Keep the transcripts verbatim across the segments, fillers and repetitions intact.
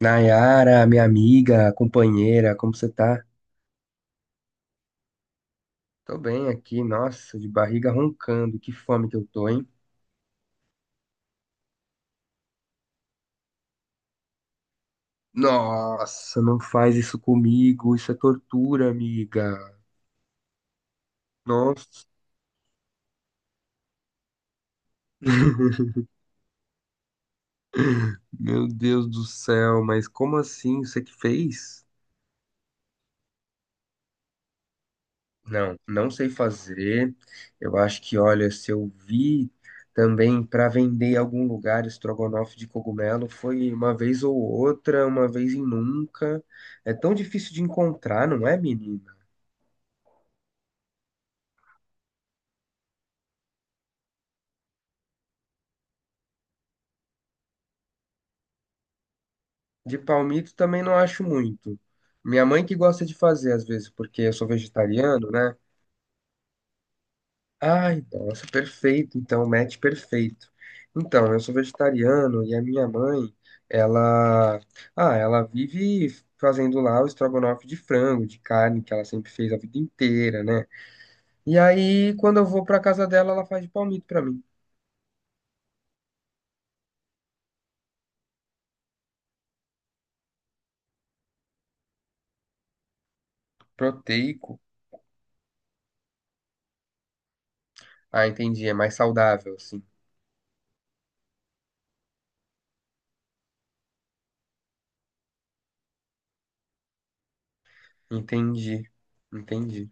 Nayara, minha amiga, companheira, como você tá? Tô bem aqui, nossa, de barriga roncando, que fome que eu tô, hein? Nossa, não faz isso comigo, isso é tortura, amiga. Nossa, meu Deus do céu, mas como assim? Você que fez? Não, não sei fazer. Eu acho que, olha, se eu vi também para vender em algum lugar estrogonofe de cogumelo, foi uma vez ou outra, uma vez e nunca. É tão difícil de encontrar, não é, menina? De palmito também não acho muito. Minha mãe que gosta de fazer às vezes, porque eu sou vegetariano, né? Ai, nossa, perfeito. Então, match perfeito. Então, eu sou vegetariano e a minha mãe, ela, ah, ela vive fazendo lá o estrogonofe de frango, de carne, que ela sempre fez a vida inteira, né? E aí, quando eu vou pra casa dela, ela faz de palmito pra mim. Proteico. Ah, entendi. É mais saudável, assim. Entendi. Entendi.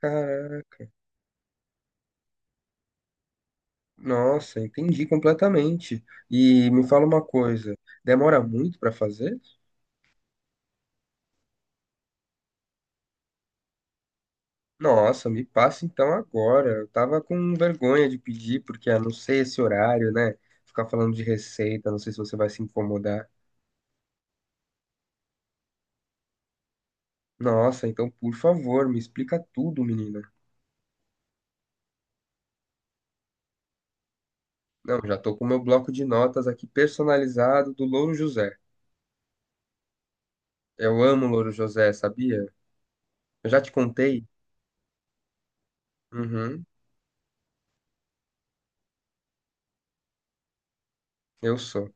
Caraca. Nossa, entendi completamente. E me fala uma coisa, demora muito pra fazer? Nossa, me passa então agora. Eu tava com vergonha de pedir, porque a não sei esse horário, né? Ficar falando de receita, não sei se você vai se incomodar. Nossa, então por favor, me explica tudo, menina. Não, já tô com meu bloco de notas aqui personalizado do Louro José. Eu amo Louro José, sabia? Eu já te contei? Uhum, eu sou.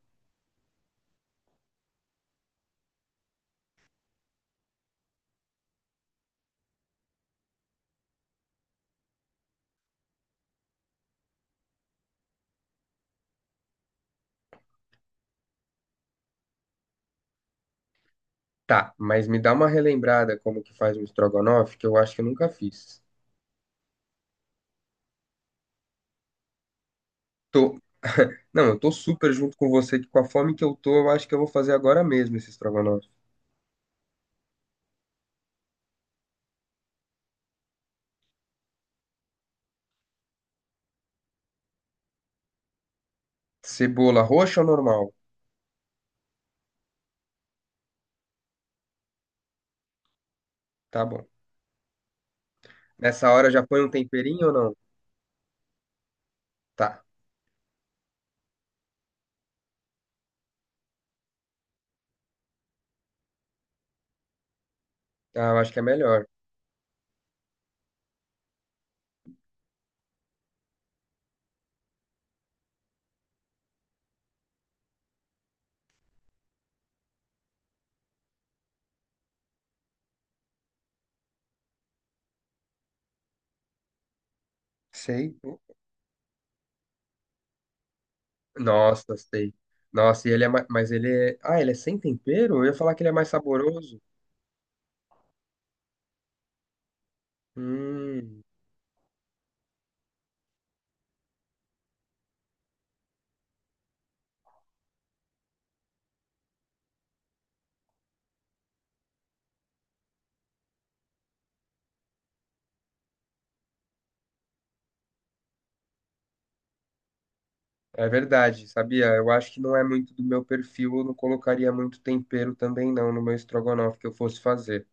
Tá, mas me dá uma relembrada como que faz um estrogonofe, que eu acho que eu nunca fiz. Tô. Não, eu tô super junto com você, que com a fome que eu tô, eu acho que eu vou fazer agora mesmo esse estrogonofe. Cebola roxa ou normal? Tá bom. Nessa hora já põe um temperinho ou não? Tá. Ah, eu acho que é melhor. Sei. Nossa, sei. Nossa, e ele é mais... Mas ele é... Ah, ele é sem tempero? Eu ia falar que ele é mais saboroso. Hum, é verdade, sabia? Eu acho que não é muito do meu perfil. Eu não colocaria muito tempero também não no meu estrogonofe que eu fosse fazer.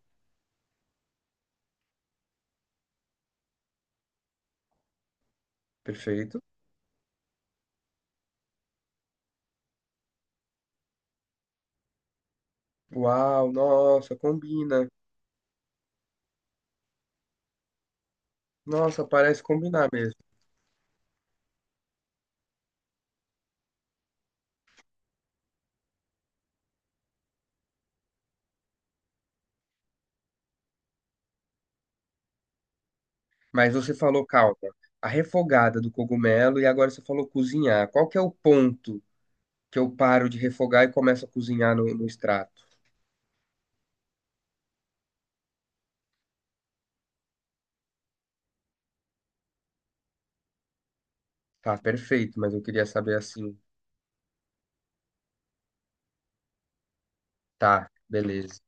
Perfeito? Uau, nossa, combina. Nossa, parece combinar mesmo. Mas você falou, calma, a refogada do cogumelo e agora você falou cozinhar. Qual que é o ponto que eu paro de refogar e começo a cozinhar no, no extrato? Tá, perfeito, mas eu queria saber assim. Tá, beleza.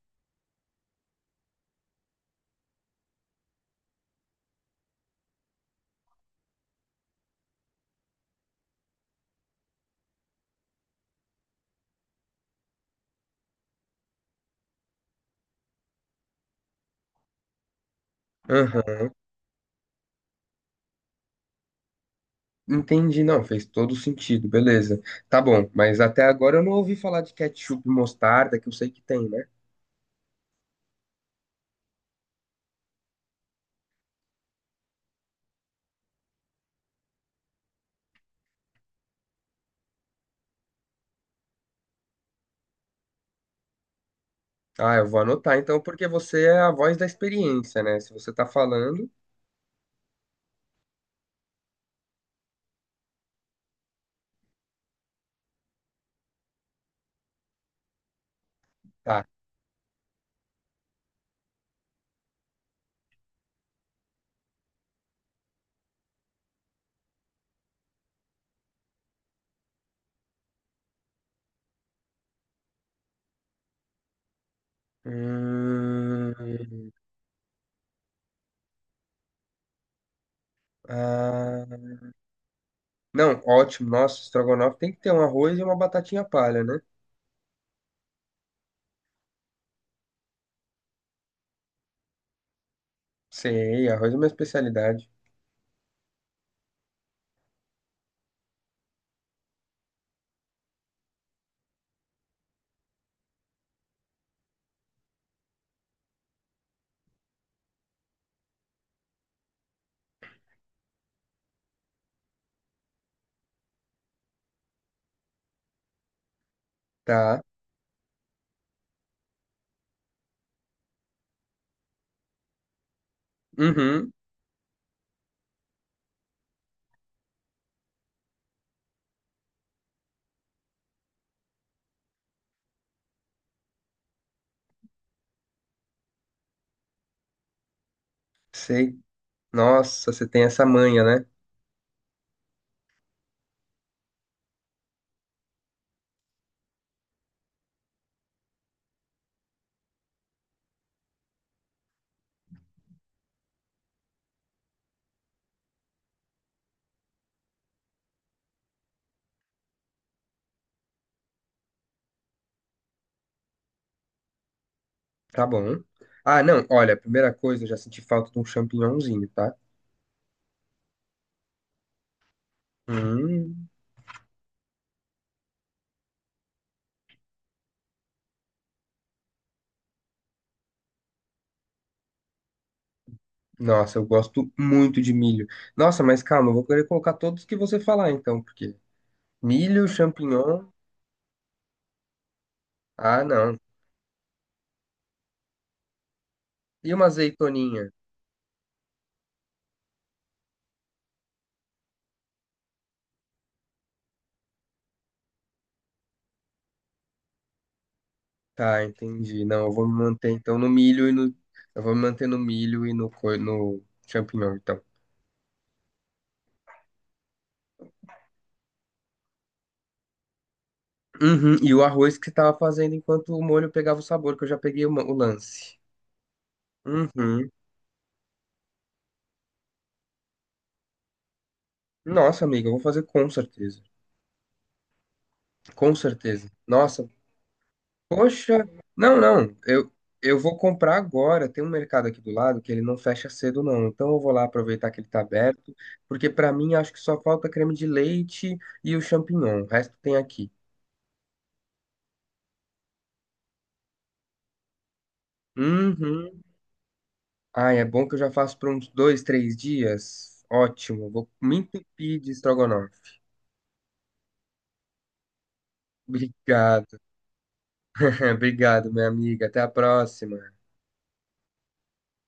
Aham, entendi. Não, fez todo sentido, beleza. Tá bom, mas até agora eu não ouvi falar de ketchup e mostarda, que eu sei que tem, né? Ah, eu vou anotar então, porque você é a voz da experiência, né? Se você tá falando, tá. Hum, ah. Não, ótimo. Nossa, estrogonofe tem que ter um arroz e uma batatinha palha, né? Sei, arroz é minha especialidade. Tá. Uhum, sei. Nossa, você tem essa manha, né? Tá bom. Ah, não, olha, a primeira coisa, eu já senti falta de um champignonzinho, tá? Hum, nossa, eu gosto muito de milho. Nossa, mas calma, eu vou querer colocar todos que você falar então, porque milho, champignon. Ah, não. E uma azeitoninha? Tá, entendi. Não, eu vou me manter então no milho e no. Eu vou me manter no milho e no, co- no champignon, então. Uhum, e o arroz que você tava fazendo enquanto o molho pegava o sabor, que eu já peguei o, ma- o lance. Uhum. Nossa, amiga, eu vou fazer com certeza. Com certeza. Nossa, poxa. Não, não. Eu, eu vou comprar agora. Tem um mercado aqui do lado que ele não fecha cedo, não. Então eu vou lá aproveitar que ele tá aberto, porque pra mim acho que só falta creme de leite e o champignon. O resto tem aqui. Uhum. Ai, é bom que eu já faço por uns dois, três dias. Ótimo, vou me entupir de estrogonofe. Obrigado, obrigado, minha amiga. Até a próxima.